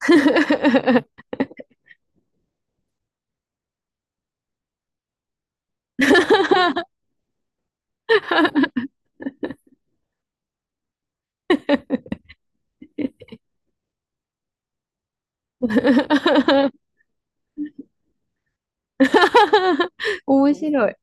面白い。